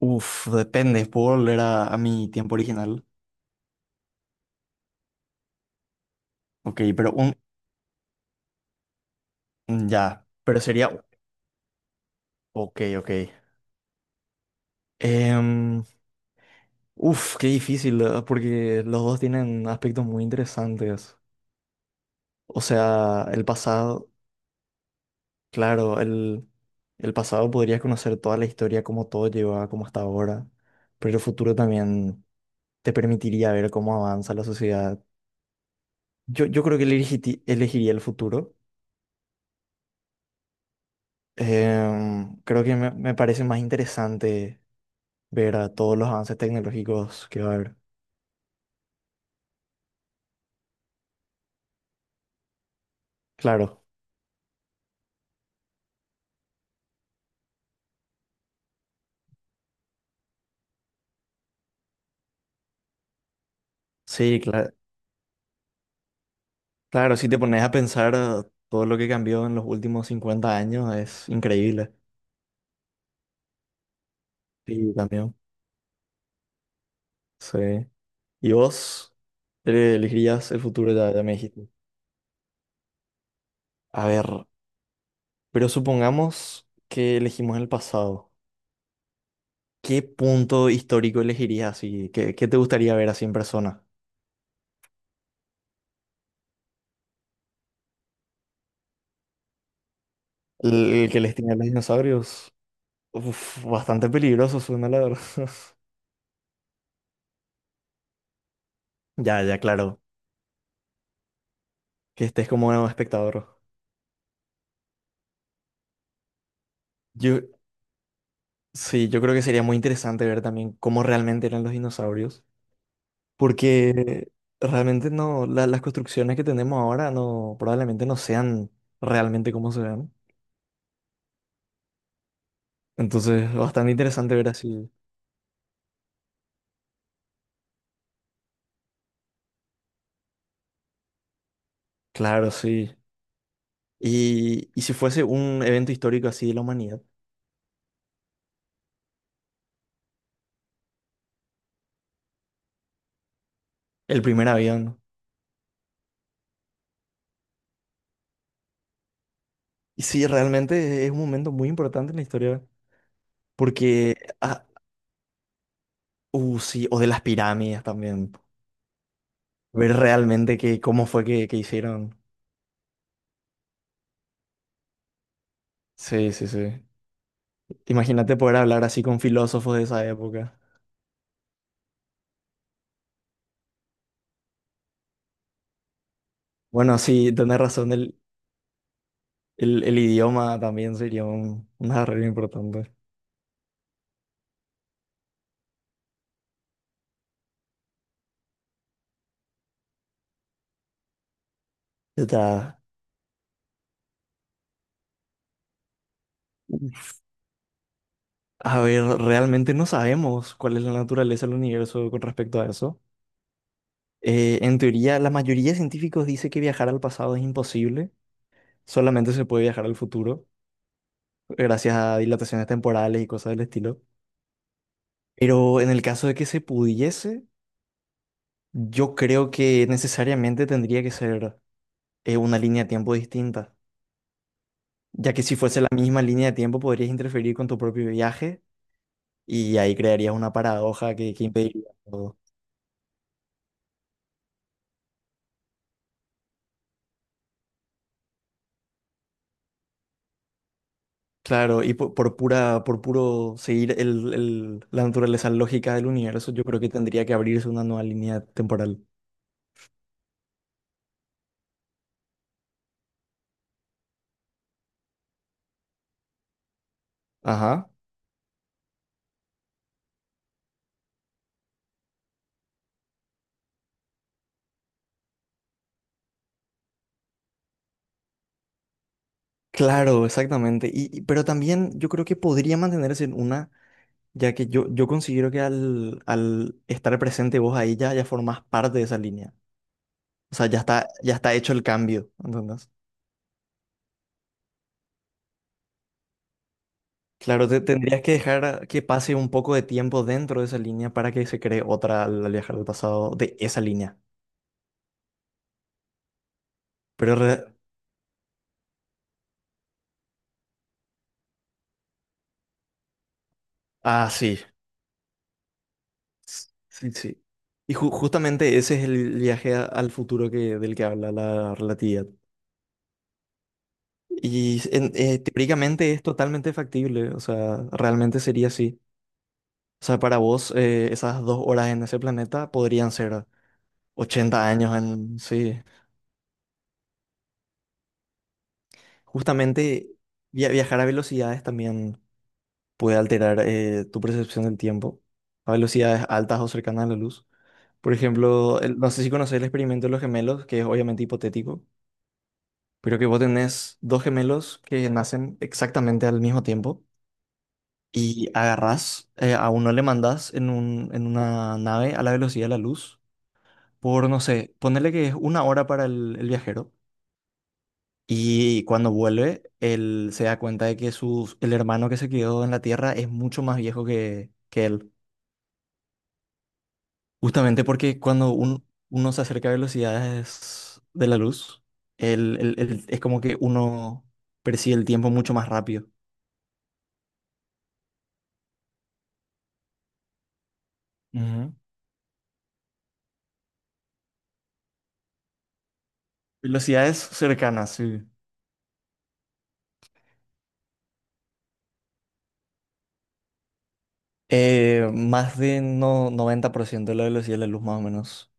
Uf, depende. ¿Puedo volver a mi tiempo original? Ok, pero un... Ya, pero sería... Ok, ok. Em, uf, qué difícil, ¿verdad? Porque los dos tienen aspectos muy interesantes. O sea, el pasado, claro, el pasado podrías conocer toda la historia, cómo todo lleva, a como hasta ahora, pero el futuro también te permitiría ver cómo avanza la sociedad. Yo creo que elegiría el futuro. Creo que me parece más interesante ver a todos los avances tecnológicos que va a haber. Claro, sí, claro, si te pones a pensar todo lo que cambió en los últimos 50 años es increíble. Sí, también. Sí. ¿Y vos elegirías el futuro ya, ya me dijiste? A ver, pero supongamos que elegimos el pasado. ¿Qué punto histórico elegirías así? Qué te gustaría ver así en persona? El que les tiene a los dinosaurios? Uf, bastante peligroso suena la verdad. Ya, ya, claro, que estés como un espectador. Yo, sí, yo creo que sería muy interesante ver también cómo realmente eran los dinosaurios, porque realmente no, las construcciones que tenemos ahora no, probablemente no sean realmente como se ven. Entonces, bastante interesante ver así. Claro, sí. Y si fuese un evento histórico así de la humanidad, el primer avión. Y sí, realmente es un momento muy importante en la historia, porque, ah, sí, o de las pirámides también. Ver realmente cómo fue que hicieron. Sí, sí, sí. Imagínate poder hablar así con filósofos de esa época. Bueno, sí, tenés razón, el idioma también sería un arreglo importante. Ya. A ver, realmente no sabemos cuál es la naturaleza del universo con respecto a eso. En teoría, la mayoría de científicos dice que viajar al pasado es imposible, solamente se puede viajar al futuro, gracias a dilataciones temporales y cosas del estilo. Pero en el caso de que se pudiese, yo creo que necesariamente tendría que ser una línea de tiempo distinta, ya que si fuese la misma línea de tiempo podrías interferir con tu propio viaje y ahí crearías una paradoja que impediría todo. Claro, y por pura, por puro seguir la naturaleza lógica del universo, yo creo que tendría que abrirse una nueva línea temporal. Ajá. Claro, exactamente. Pero también yo creo que podría mantenerse en una, ya que yo considero que al estar presente vos ahí ya, ya formás parte de esa línea. O sea, ya está hecho el cambio, ¿entendés? Claro, tendrías que dejar que pase un poco de tiempo dentro de esa línea para que se cree otra al al viajar al pasado de esa línea. Pero, re- ah, sí, sí, sí. Y justamente ese es el viaje al futuro que, del que habla la relatividad. Y teóricamente es totalmente factible, o sea, realmente sería así. O sea, para vos, esas dos horas en ese planeta podrían ser 80 años en... Sí. Justamente viajar a velocidades también puede alterar tu percepción del tiempo a velocidades altas o cercanas a la luz. Por ejemplo, no sé si conoces el experimento de los gemelos, que es obviamente hipotético, pero que vos tenés dos gemelos que nacen exactamente al mismo tiempo y agarrás, a uno le mandás en en una nave a la velocidad de la luz por, no sé, ponerle que es una hora para el viajero. Y cuando vuelve, él se da cuenta de que el hermano que se quedó en la Tierra es mucho más viejo que él. Justamente porque cuando uno se acerca a velocidades de la luz, es como que uno percibe el tiempo mucho más rápido. Ujú. Velocidades cercanas, sí. Más de no, 90% de la velocidad de la luz, más o menos.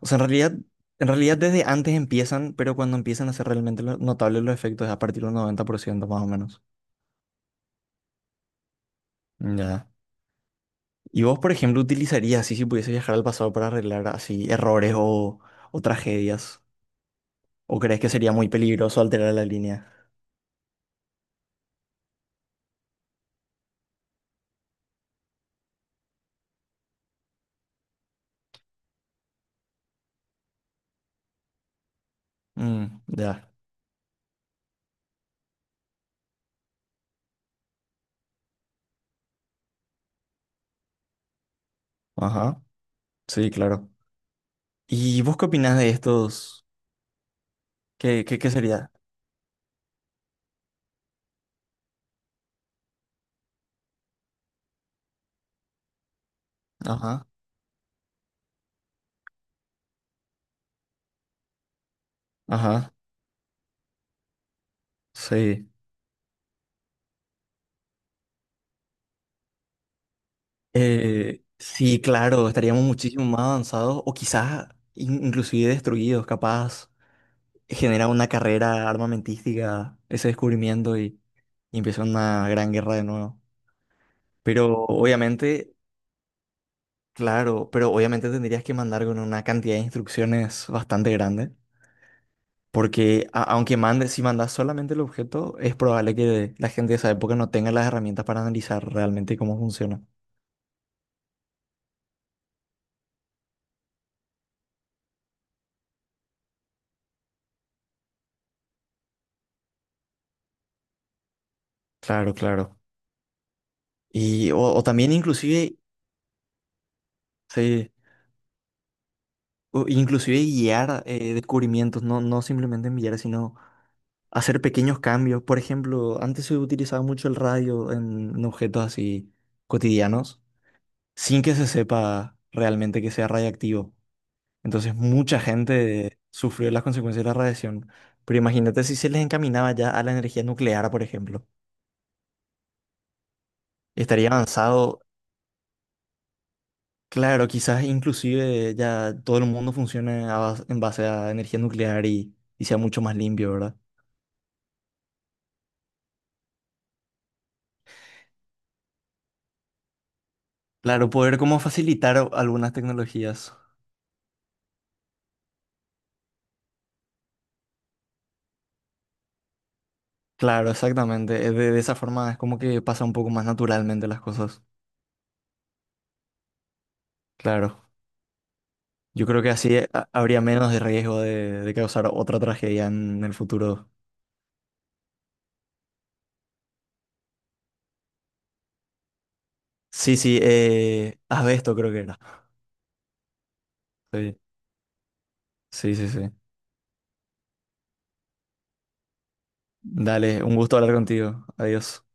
O sea, en realidad desde antes empiezan, pero cuando empiezan a ser realmente notables los efectos es a partir del ciento más o menos. Ya. ¿Y vos, por ejemplo, utilizarías así si pudiese viajar al pasado para arreglar así errores o tragedias? ¿O crees que sería muy peligroso alterar la línea? Ya. Ajá. Sí, claro. ¿Y vos qué opinás de estos? ¿Qué, qué, qué sería? Ajá. Ajá. Sí. Sí, claro, estaríamos muchísimo más avanzados o quizás inclusive destruidos, capaz. Genera una carrera armamentística, ese descubrimiento y empieza una gran guerra de nuevo. Pero obviamente, claro, pero obviamente tendrías que mandar con una cantidad de instrucciones bastante grande, porque aunque mandes, si mandas solamente el objeto, es probable que la gente de esa época no tenga las herramientas para analizar realmente cómo funciona. Claro, claro. Y o también inclusive, sí, o inclusive guiar descubrimientos, no simplemente enviar, sino hacer pequeños cambios. Por ejemplo, antes se utilizaba mucho el radio en objetos así cotidianos, sin que se sepa realmente que sea radiactivo. Entonces mucha gente sufrió las consecuencias de la radiación. Pero imagínate si se les encaminaba ya a la energía nuclear, por ejemplo. Estaría avanzado, claro, quizás inclusive ya todo el mundo funcione a en base a energía nuclear y sea mucho más limpio, ¿verdad? Claro, poder como facilitar algunas tecnologías. Claro, exactamente. De esa forma es como que pasa un poco más naturalmente las cosas. Claro. Yo creo que así habría menos de riesgo de causar otra tragedia en el futuro. Sí, sí, asbesto creo que era. Sí, sí, sí, sí. Dale, un gusto hablar contigo. Adiós.